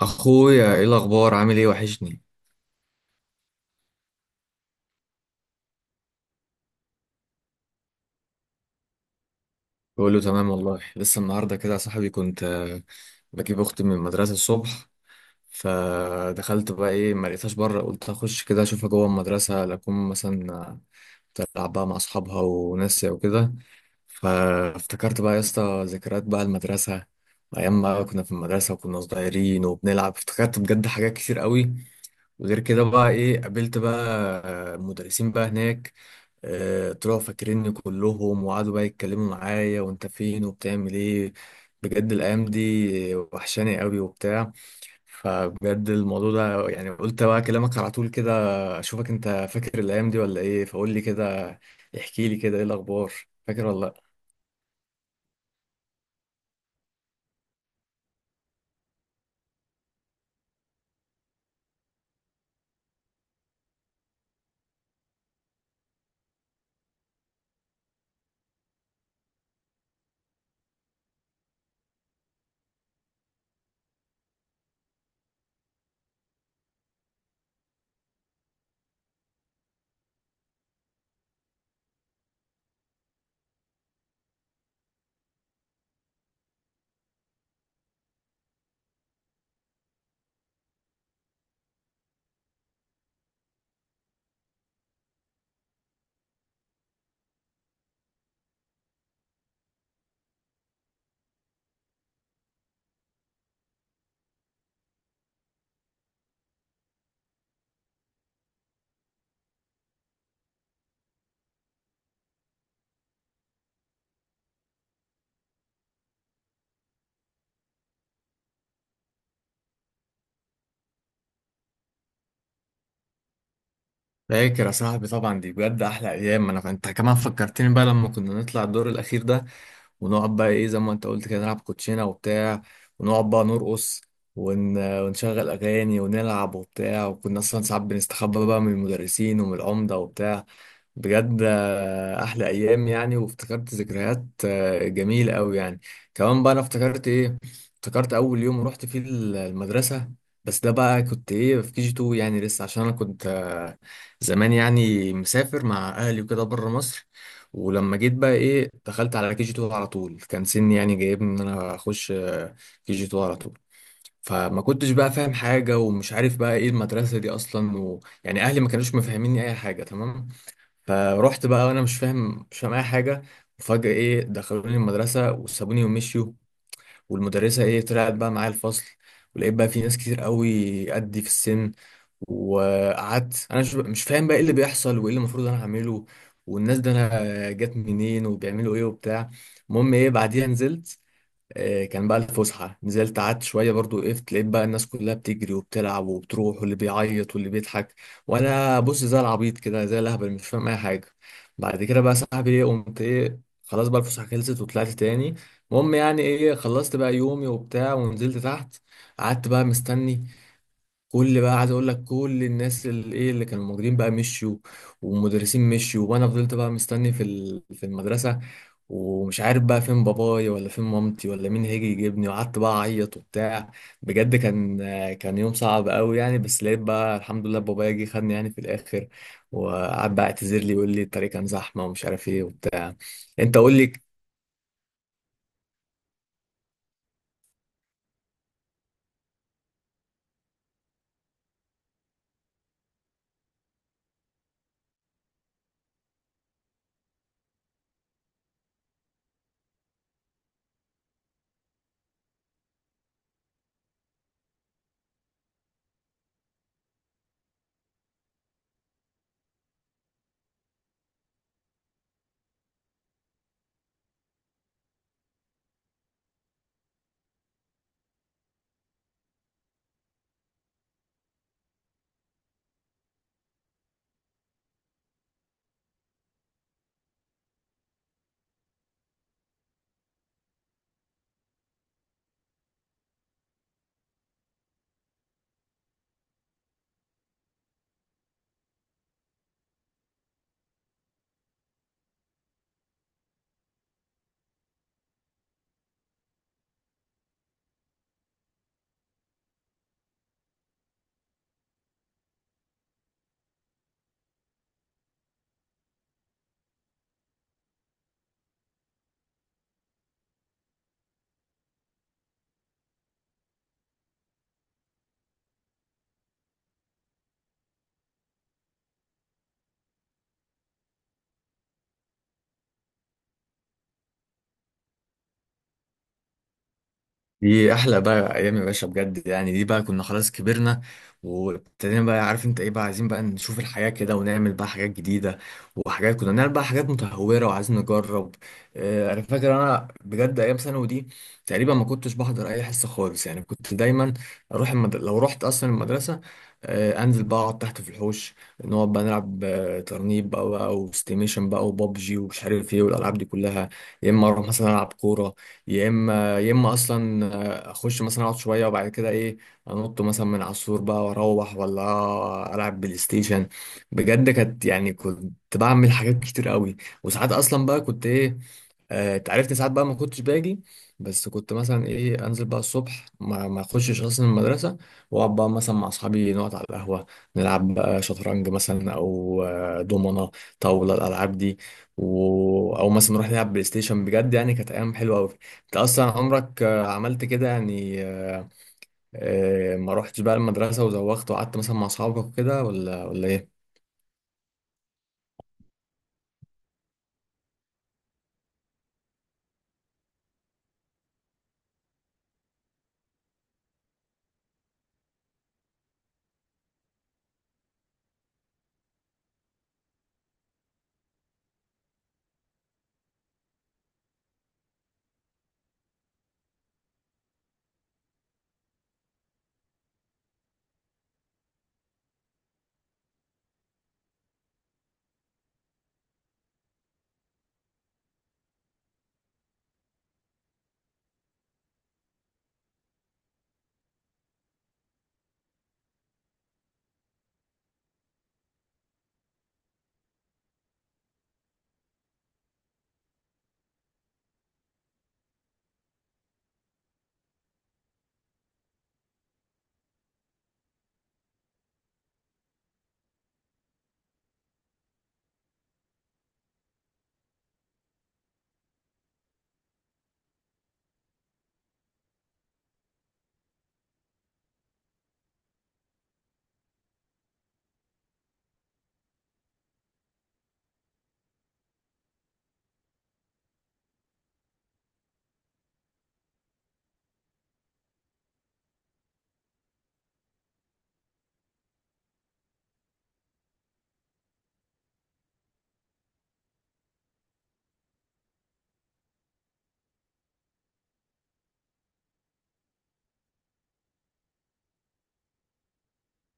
اخويا ايه الاخبار عامل ايه وحشني. بقول له تمام والله. لسه النهارده كده يا صاحبي كنت بجيب اختي من المدرسه الصبح. فدخلت بقى ايه ما لقيتهاش بره، قلت اخش كده اشوفها جوه المدرسه لاكون مثلا تلعب بقى مع اصحابها وناس وكده. فافتكرت بقى يا اسطى ذكريات بقى المدرسه، ايام ما كنا في المدرسه وكنا صغيرين وبنلعب، افتكرت بجد حاجات كتير قوي. وغير كده بقى ايه قابلت بقى مدرسين بقى هناك، طلعوا فاكريني كلهم وقعدوا بقى يتكلموا معايا، وانت فين وبتعمل ايه. بجد الايام دي وحشاني قوي وبتاع. فبجد الموضوع ده يعني قلت بقى اكلمك على طول كده، اشوفك انت فاكر الايام دي ولا ايه، فقول لي كده، احكي لي كده ايه الاخبار، فاكر ولا لا؟ فاكر يا صاحبي طبعا، دي بجد احلى ايام، انا انت كمان فكرتني بقى لما كنا نطلع الدور الاخير ده، ونقعد بقى ايه زي ما انت قلت كده نلعب كوتشينه وبتاع، ونقعد بقى نرقص، ونشغل اغاني ونلعب وبتاع، وكنا اصلا ساعات بنستخبى بقى من المدرسين ومن العمده وبتاع. بجد احلى ايام يعني، وافتكرت ذكريات جميله قوي يعني. كمان بقى انا افتكرت ايه، افتكرت اول يوم رحت فيه المدرسه. بس ده بقى كنت ايه في كي جي 2 يعني لسه، عشان انا كنت زمان يعني مسافر مع اهلي وكده بره مصر. ولما جيت بقى ايه دخلت على كي جي 2 على طول، كان سني يعني جايبني ان انا اخش كي جي 2 على طول. فما كنتش بقى فاهم حاجه ومش عارف بقى ايه المدرسه دي اصلا يعني اهلي ما كانوش مفهميني اي حاجه تمام. فروحت بقى وانا مش فاهم اي حاجه. وفجاه ايه دخلوني المدرسه وسابوني ومشيوا. والمدرسة ايه طلعت بقى معايا الفصل، ولقيت بقى في ناس كتير قوي قدي في السن. وقعدت انا مش فاهم بقى ايه اللي بيحصل وايه اللي المفروض انا اعمله، والناس ده انا جت منين وبيعملوا ايه وبتاع. المهم ايه بعديها نزلت، كان بقى الفسحة، نزلت قعدت شوية برضو، وقفت لقيت بقى الناس كلها بتجري وبتلعب وبتروح، واللي بيعيط واللي بيضحك، وأنا بص زي العبيط كده زي الأهبل مش فاهم أي حاجة. بعد كده بقى صاحبي إيه قمت إيه، خلاص بقى الفسحة خلصت وطلعت تاني. المهم يعني إيه خلصت بقى يومي وبتاع، ونزلت تحت، قعدت بقى مستني. كل بقى عايز اقول لك كل الناس اللي ايه اللي كانوا موجودين بقى مشيوا، والمدرسين مشيوا، وانا فضلت بقى مستني في في المدرسه. ومش عارف بقى فين بابايا ولا فين مامتي ولا مين هيجي يجيبني، وقعدت بقى اعيط وبتاع. بجد كان يوم صعب قوي يعني، بس لقيت بقى الحمد لله بابايا جه خدني يعني في الاخر، وقعد بقى اعتذر لي يقول لي الطريق كان زحمه ومش عارف ايه وبتاع. انت قول لي. دي احلى بقى ايام يا باشا، بجد يعني دي بقى كنا خلاص كبرنا، وابتدينا بقى عارف انت ايه بقى عايزين بقى نشوف الحياة كده، ونعمل بقى حاجات جديدة، وحاجات كنا بنعمل بقى حاجات متهورة وعايزين نجرب. انا فاكر انا بجد ايام ثانوي دي تقريبا ما كنتش بحضر اي حصة خالص، يعني كنت دايما اروح لو رحت اصلا المدرسة، انزل بقى اقعد تحت في الحوش، نقعد بقى نلعب ترنيب بقى وستيميشن بقى وبابجي، ومش عارف ايه والالعاب دي كلها. يا اما اروح مثلا العب كورة، يا اما اصلا اخش مثلا اقعد شويه، وبعد كده ايه انط مثلا من على السور بقى واروح، ولا العب بلاي ستيشن. بجد كانت يعني كنت بعمل حاجات كتير قوي، وساعات اصلا بقى كنت ايه، اتعرفت ساعات بقى ما كنتش باجي، بس كنت مثلا ايه انزل بقى الصبح، ما اخشش اصلا المدرسه، واقعد بقى مثلا مع اصحابي نقعد على القهوه، نلعب بقى شطرنج مثلا او دومنه، طاوله الالعاب دي، او مثلا نروح نلعب بلاي ستيشن. بجد يعني كانت ايام حلوه قوي. انت اصلا عمرك عملت كده يعني، ما روحتش بقى المدرسه وزوغت وقعدت مثلا مع اصحابك وكده، ولا ايه؟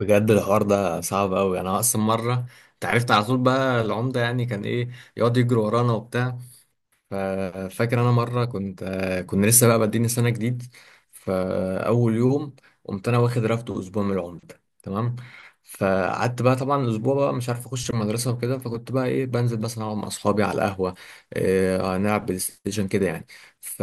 بجد الحوار ده صعب قوي. انا اصلا مره، انت عرفت على طول بقى العمده يعني كان ايه يقعد يجري ورانا وبتاع. ففاكر انا مره كنت كنا لسه بقى بادئين السنه جديد، فاول يوم قمت انا واخد رفد اسبوع من العمده تمام. فقعدت بقى طبعا الاسبوع بقى مش عارف اخش المدرسه وكده، فكنت بقى ايه بنزل مثلا اقعد مع اصحابي على القهوه، إيه نلعب بلاي ستيشن كده يعني. ف...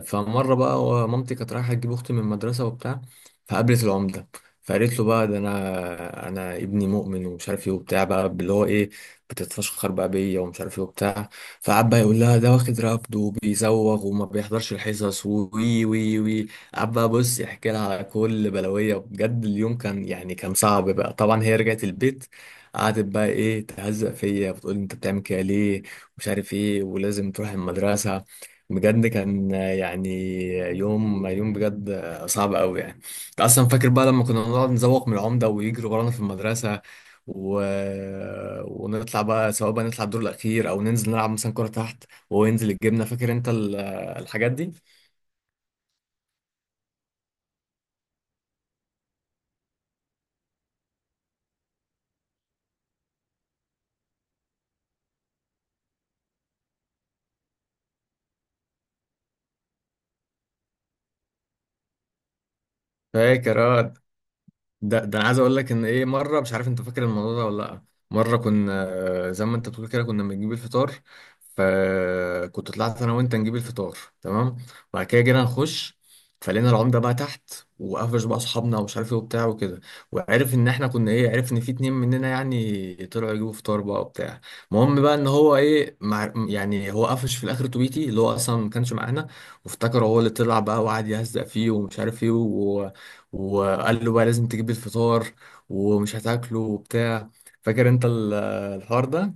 فمره بقى مامتي كانت رايحه تجيب اختي من المدرسه وبتاع، فقابلت العمده، فقالت له بقى ده انا ابني مؤمن ومش عارف ايه وبتاع، بقى اللي هو ايه، بتتفشخر بقى بيا ومش عارف ايه وبتاع. فقعد بقى يقول لها ده واخد رفض وبيزوغ وما بيحضرش الحصص وي وي وي قعد بقى بص يحكي لها على كل بلوية، بجد اليوم كان يعني كان صعب بقى طبعا، هي رجعت البيت قعدت بقى ايه تهزق فيا، بتقول انت بتعمل كده ليه ومش عارف ايه ولازم تروح المدرسة. بجد كان يعني يوم بجد صعب قوي يعني. انت اصلا فاكر بقى لما كنا نقعد نزوق من العمدة ويجري ورانا في المدرسة، و... ونطلع بقى، سواء بقى نطلع الدور الاخير او ننزل نلعب مثلا كرة تحت، وينزل الجبنة. فاكر انت الحاجات دي؟ فاكر، اه. ده انا عايز اقول لك ان ايه مره، مش عارف انت فاكر الموضوع ده ولا لا. مره كنا زي ما انت بتقول كده كنا بنجيب الفطار. فكنت طلعت انا وانت نجيب الفطار تمام، وبعد كده جينا نخش، فلقينا العمده بقى تحت، وقفش بقى اصحابنا ومش عارف ايه وبتاع وكده، وعرف ان احنا كنا ايه، عرف ان في اتنين مننا يعني طلعوا يجيبوا فطار بقى وبتاع. المهم بقى ان هو ايه مع يعني هو قفش في الاخر توبيتي، اللي هو اصلا ما كانش معانا، وافتكر هو اللي طلع بقى وقعد يهزق فيه ومش عارف ايه، وقال له بقى لازم تجيب الفطار ومش هتاكله وبتاع. فاكر انت الحوار ده؟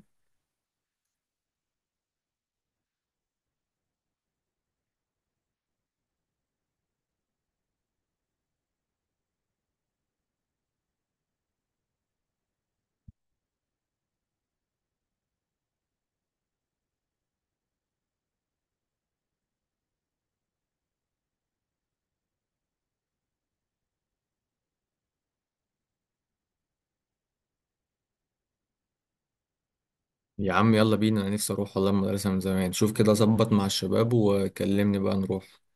يا عم يلا بينا، انا نفسي اروح والله المدرسة من زمان، شوف كده ظبط مع الشباب وكلمني بقى نروح.